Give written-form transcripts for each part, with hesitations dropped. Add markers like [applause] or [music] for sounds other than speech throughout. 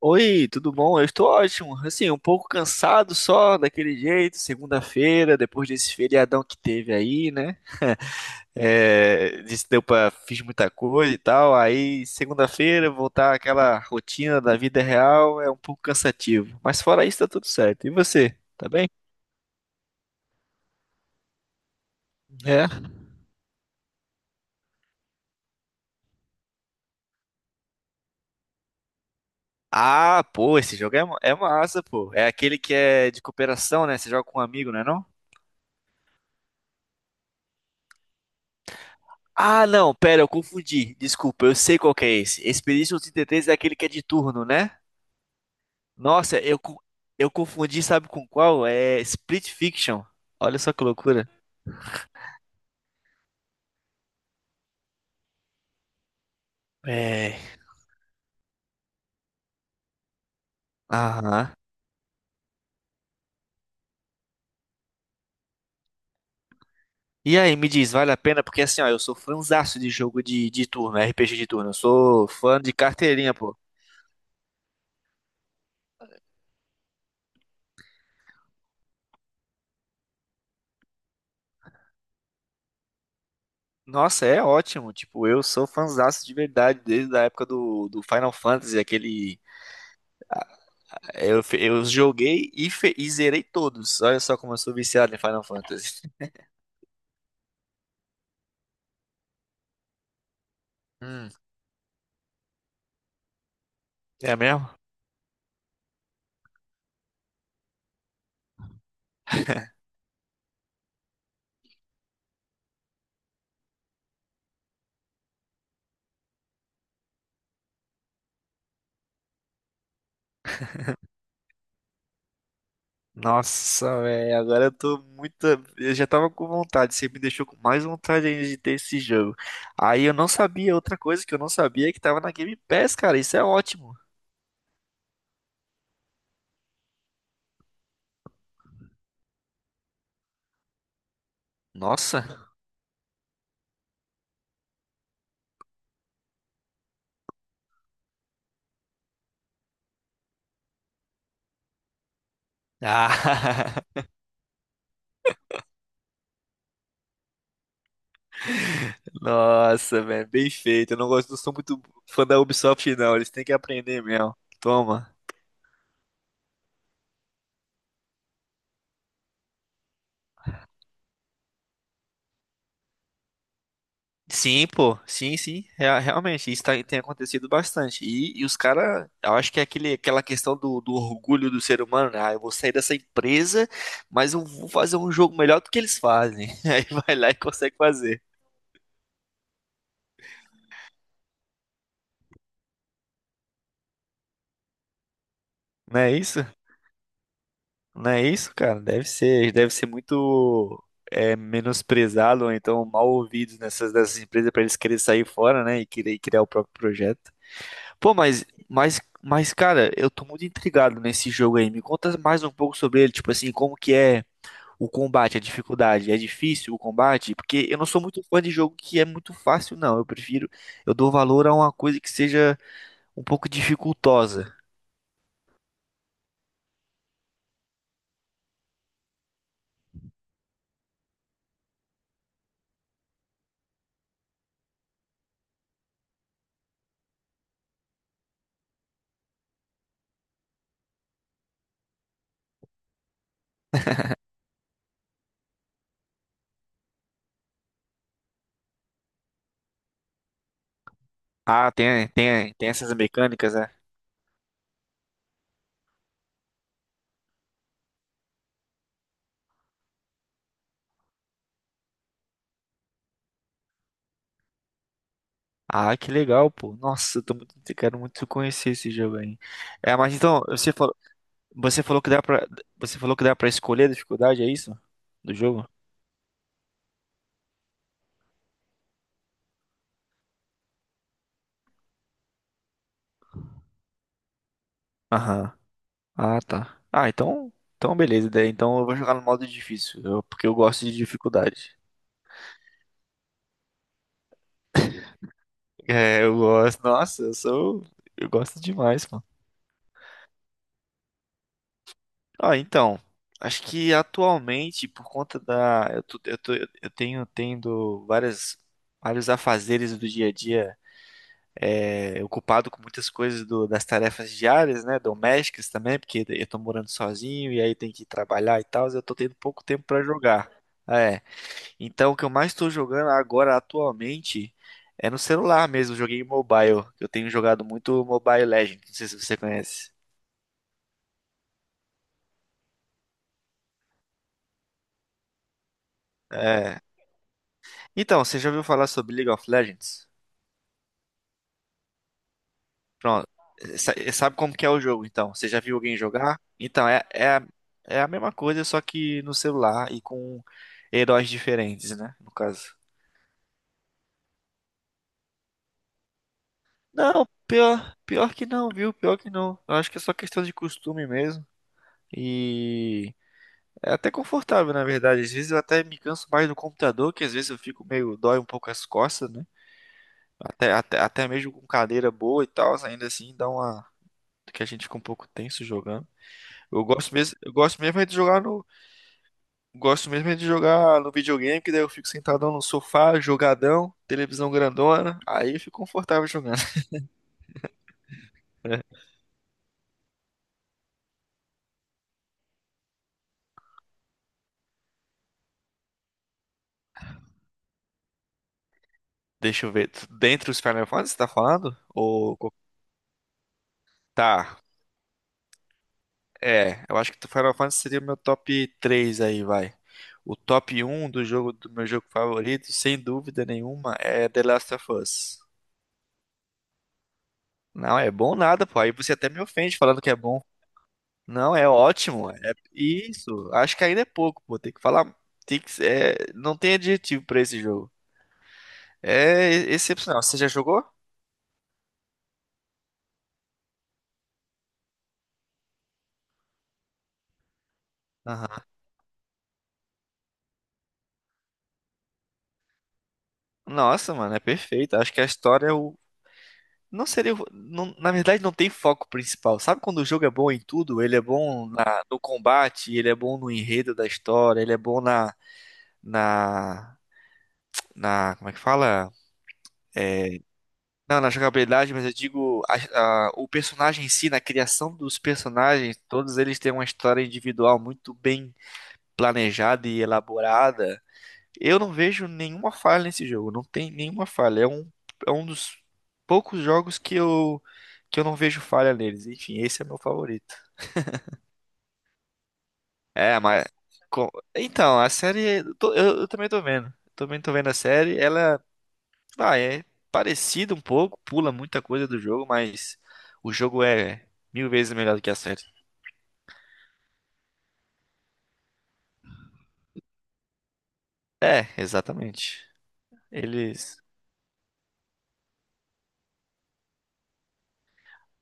Oi, tudo bom? Eu estou ótimo. Assim, um pouco cansado só daquele jeito, segunda-feira, depois desse feriadão que teve aí, né? É, disse, deu pra, fiz muita coisa e tal. Aí, segunda-feira, voltar àquela rotina da vida real é um pouco cansativo. Mas fora isso, tá tudo certo. E você? Tá bem? É. Ah, pô, esse jogo é, é massa, pô. É aquele que é de cooperação, né? Você joga com um amigo, não é não? Ah, não, pera, eu confundi. Desculpa, eu sei qual que é esse. Expedition 33 é aquele que é de turno, né? Nossa, eu confundi, sabe com qual? É Split Fiction. Olha só que loucura. É. Aham. E aí, me diz, vale a pena? Porque assim, ó, eu sou fãzaço de jogo de turno, RPG de turno. Eu sou fã de carteirinha, pô. Nossa, é ótimo. Tipo, eu sou fãzaço de verdade desde a época do Final Fantasy, aquele. Eu joguei e zerei todos. Olha só como eu sou viciado em Final Fantasy. Hum, é mesmo? Nossa, velho, agora eu tô muito. Eu já tava com vontade, você me deixou com mais vontade ainda de ter esse jogo. Aí eu não sabia, outra coisa que eu não sabia é que tava na Game Pass, cara, isso é ótimo. Nossa. Ah, [laughs] nossa, velho, bem feito. Eu não gosto, não sou muito fã da Ubisoft, não, eles têm que aprender mesmo. Toma. Sim, pô, sim, sim, realmente, isso tem acontecido bastante. E os caras, eu acho que é aquele, aquela questão do orgulho do ser humano, né? Ah, eu vou sair dessa empresa, mas eu vou fazer um jogo melhor do que eles fazem. [laughs] Aí vai lá e consegue fazer. Não é isso? Não é isso, cara? Deve ser muito é, menosprezado ou então mal ouvido nessas empresas para eles quererem sair fora, né? E querer criar o próprio projeto. Pô, mas, cara, eu tô muito intrigado nesse jogo aí. Me conta mais um pouco sobre ele, tipo assim, como que é o combate, a dificuldade. É difícil o combate? Porque eu não sou muito fã de jogo que é muito fácil, não. Eu prefiro, eu dou valor a uma coisa que seja um pouco dificultosa. Ah, tem essas mecânicas, né? Ah, que legal, pô. Nossa, eu tô muito, quero muito conhecer esse jogo aí. É, mas então, você falou que dá pra, você falou que dá pra escolher a dificuldade, é isso? Do jogo? Aham. Ah, tá. Ah, então, então beleza. Daí, então eu vou jogar no modo difícil, porque eu gosto de dificuldade. É, eu gosto. Nossa, eu sou, eu gosto demais, mano. Ah, então, acho que atualmente por conta da, eu tenho tendo várias vários afazeres do dia a dia, é, ocupado com muitas coisas do, das tarefas diárias, né, domésticas também, porque eu tô morando sozinho e aí tem que trabalhar e tal, eu tô tendo pouco tempo pra jogar. É. Então, o que eu mais estou jogando agora atualmente é no celular mesmo. Joguei mobile. Eu tenho jogado muito Mobile Legends. Não sei se você conhece. É. Então, você já ouviu falar sobre League of Legends? Pronto. Sabe como que é o jogo, então? Você já viu alguém jogar? Então, é a mesma coisa, só que no celular e com heróis diferentes, né? No caso. Não, pior que não, viu? Pior que não. Eu acho que é só questão de costume mesmo. E É até confortável, na verdade. Às vezes eu até me canso mais no computador, que às vezes eu fico meio, dói um pouco as costas, né? Até mesmo com cadeira boa e tal, ainda assim dá uma. Que a gente fica um pouco tenso jogando. Eu gosto mesmo é de jogar no. Gosto mesmo é de jogar no videogame, que daí eu fico sentadão no sofá, jogadão, televisão grandona. Aí eu fico confortável jogando. [laughs] Deixa eu ver. Dentre os Final Fantasy, você tá falando? Tá. É, eu acho que o Final Fantasy seria o meu top 3 aí, vai. O top um do meu jogo favorito, sem dúvida nenhuma, é The Last of Us. Não é bom nada, pô. Aí você até me ofende falando que é bom. Não, é ótimo. É isso. Acho que ainda é pouco, pô. Tem que falar, tem que, é, não tem adjetivo pra esse jogo. É excepcional. Você já jogou? Aham. Nossa, mano, é perfeito. Acho que a história é o não seria. Na verdade, não tem foco principal. Sabe quando o jogo é bom em tudo? Ele é bom no combate, ele é bom no enredo da história, ele é bom na. Na. Na. Como é que fala? Não, na jogabilidade, mas eu digo o personagem em si, na criação dos personagens, todos eles têm uma história individual muito bem planejada e elaborada. Eu não vejo nenhuma falha nesse jogo, não tem nenhuma falha. É um dos poucos jogos que eu não vejo falha neles. Enfim, esse é meu favorito. É, mas. Então, a série. Eu também tô vendo. Também tô vendo a série. Ela. Ah, é parecida um pouco, pula muita coisa do jogo, mas o jogo é mil vezes melhor do que a série. É, exatamente. Eles.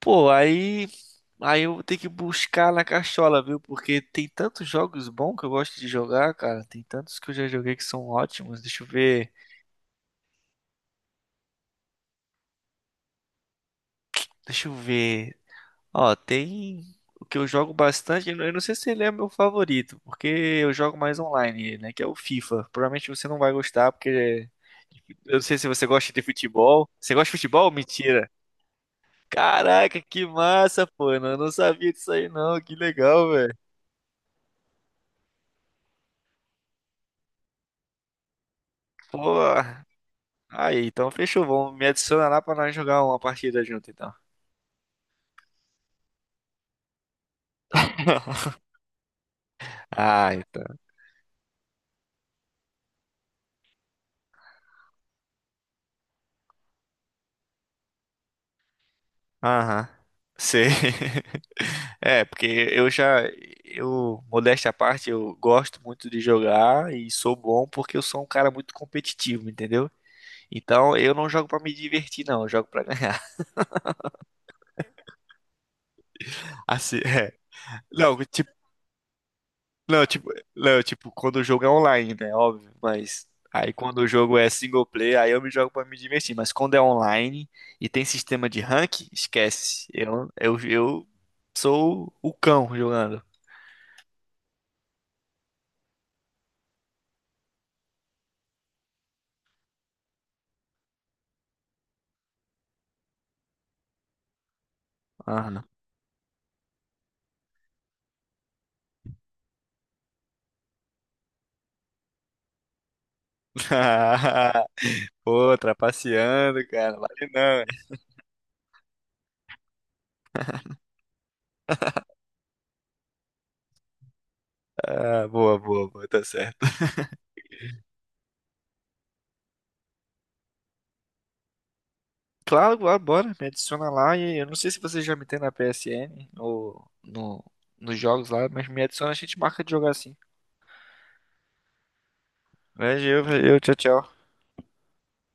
Pô, aí. Aí eu vou ter que buscar na cachola, viu? Porque tem tantos jogos bons que eu gosto de jogar, cara. Tem tantos que eu já joguei que são ótimos. Deixa eu ver. Deixa eu ver. Ó, tem o que eu jogo bastante. Eu não sei se ele é meu favorito, porque eu jogo mais online, né? Que é o FIFA. Provavelmente você não vai gostar, porque eu não sei se você gosta de futebol. Você gosta de futebol? Mentira. Caraca, que massa, pô. Eu não sabia disso aí, não. Que legal, velho. Pô. Aí, então fechou. Vamos me adiciona lá pra nós jogar uma partida junto, então. [laughs] Ah, então. Aham. Sei. [laughs] É, porque eu já, eu, modéstia à parte, eu gosto muito de jogar e sou bom porque eu sou um cara muito competitivo, entendeu? Então eu não jogo pra me divertir, não, eu jogo pra ganhar. [laughs] Assim, é. Não, tipo, Não, tipo, quando o jogo é online, né? Óbvio, mas aí quando o jogo é single player, aí eu me jogo pra me divertir. Mas quando é online e tem sistema de rank, esquece. Eu sou o cão jogando. Aham. [laughs] Pô, trapaceando, cara. Vale não. hein? Ah, boa, tá certo. Claro, claro, bora, me adiciona lá e eu não sei se você já me tem na PSN ou no, nos jogos lá, mas me adiciona, a gente marca de jogar assim. Valeu, valeu, tchau, tchau.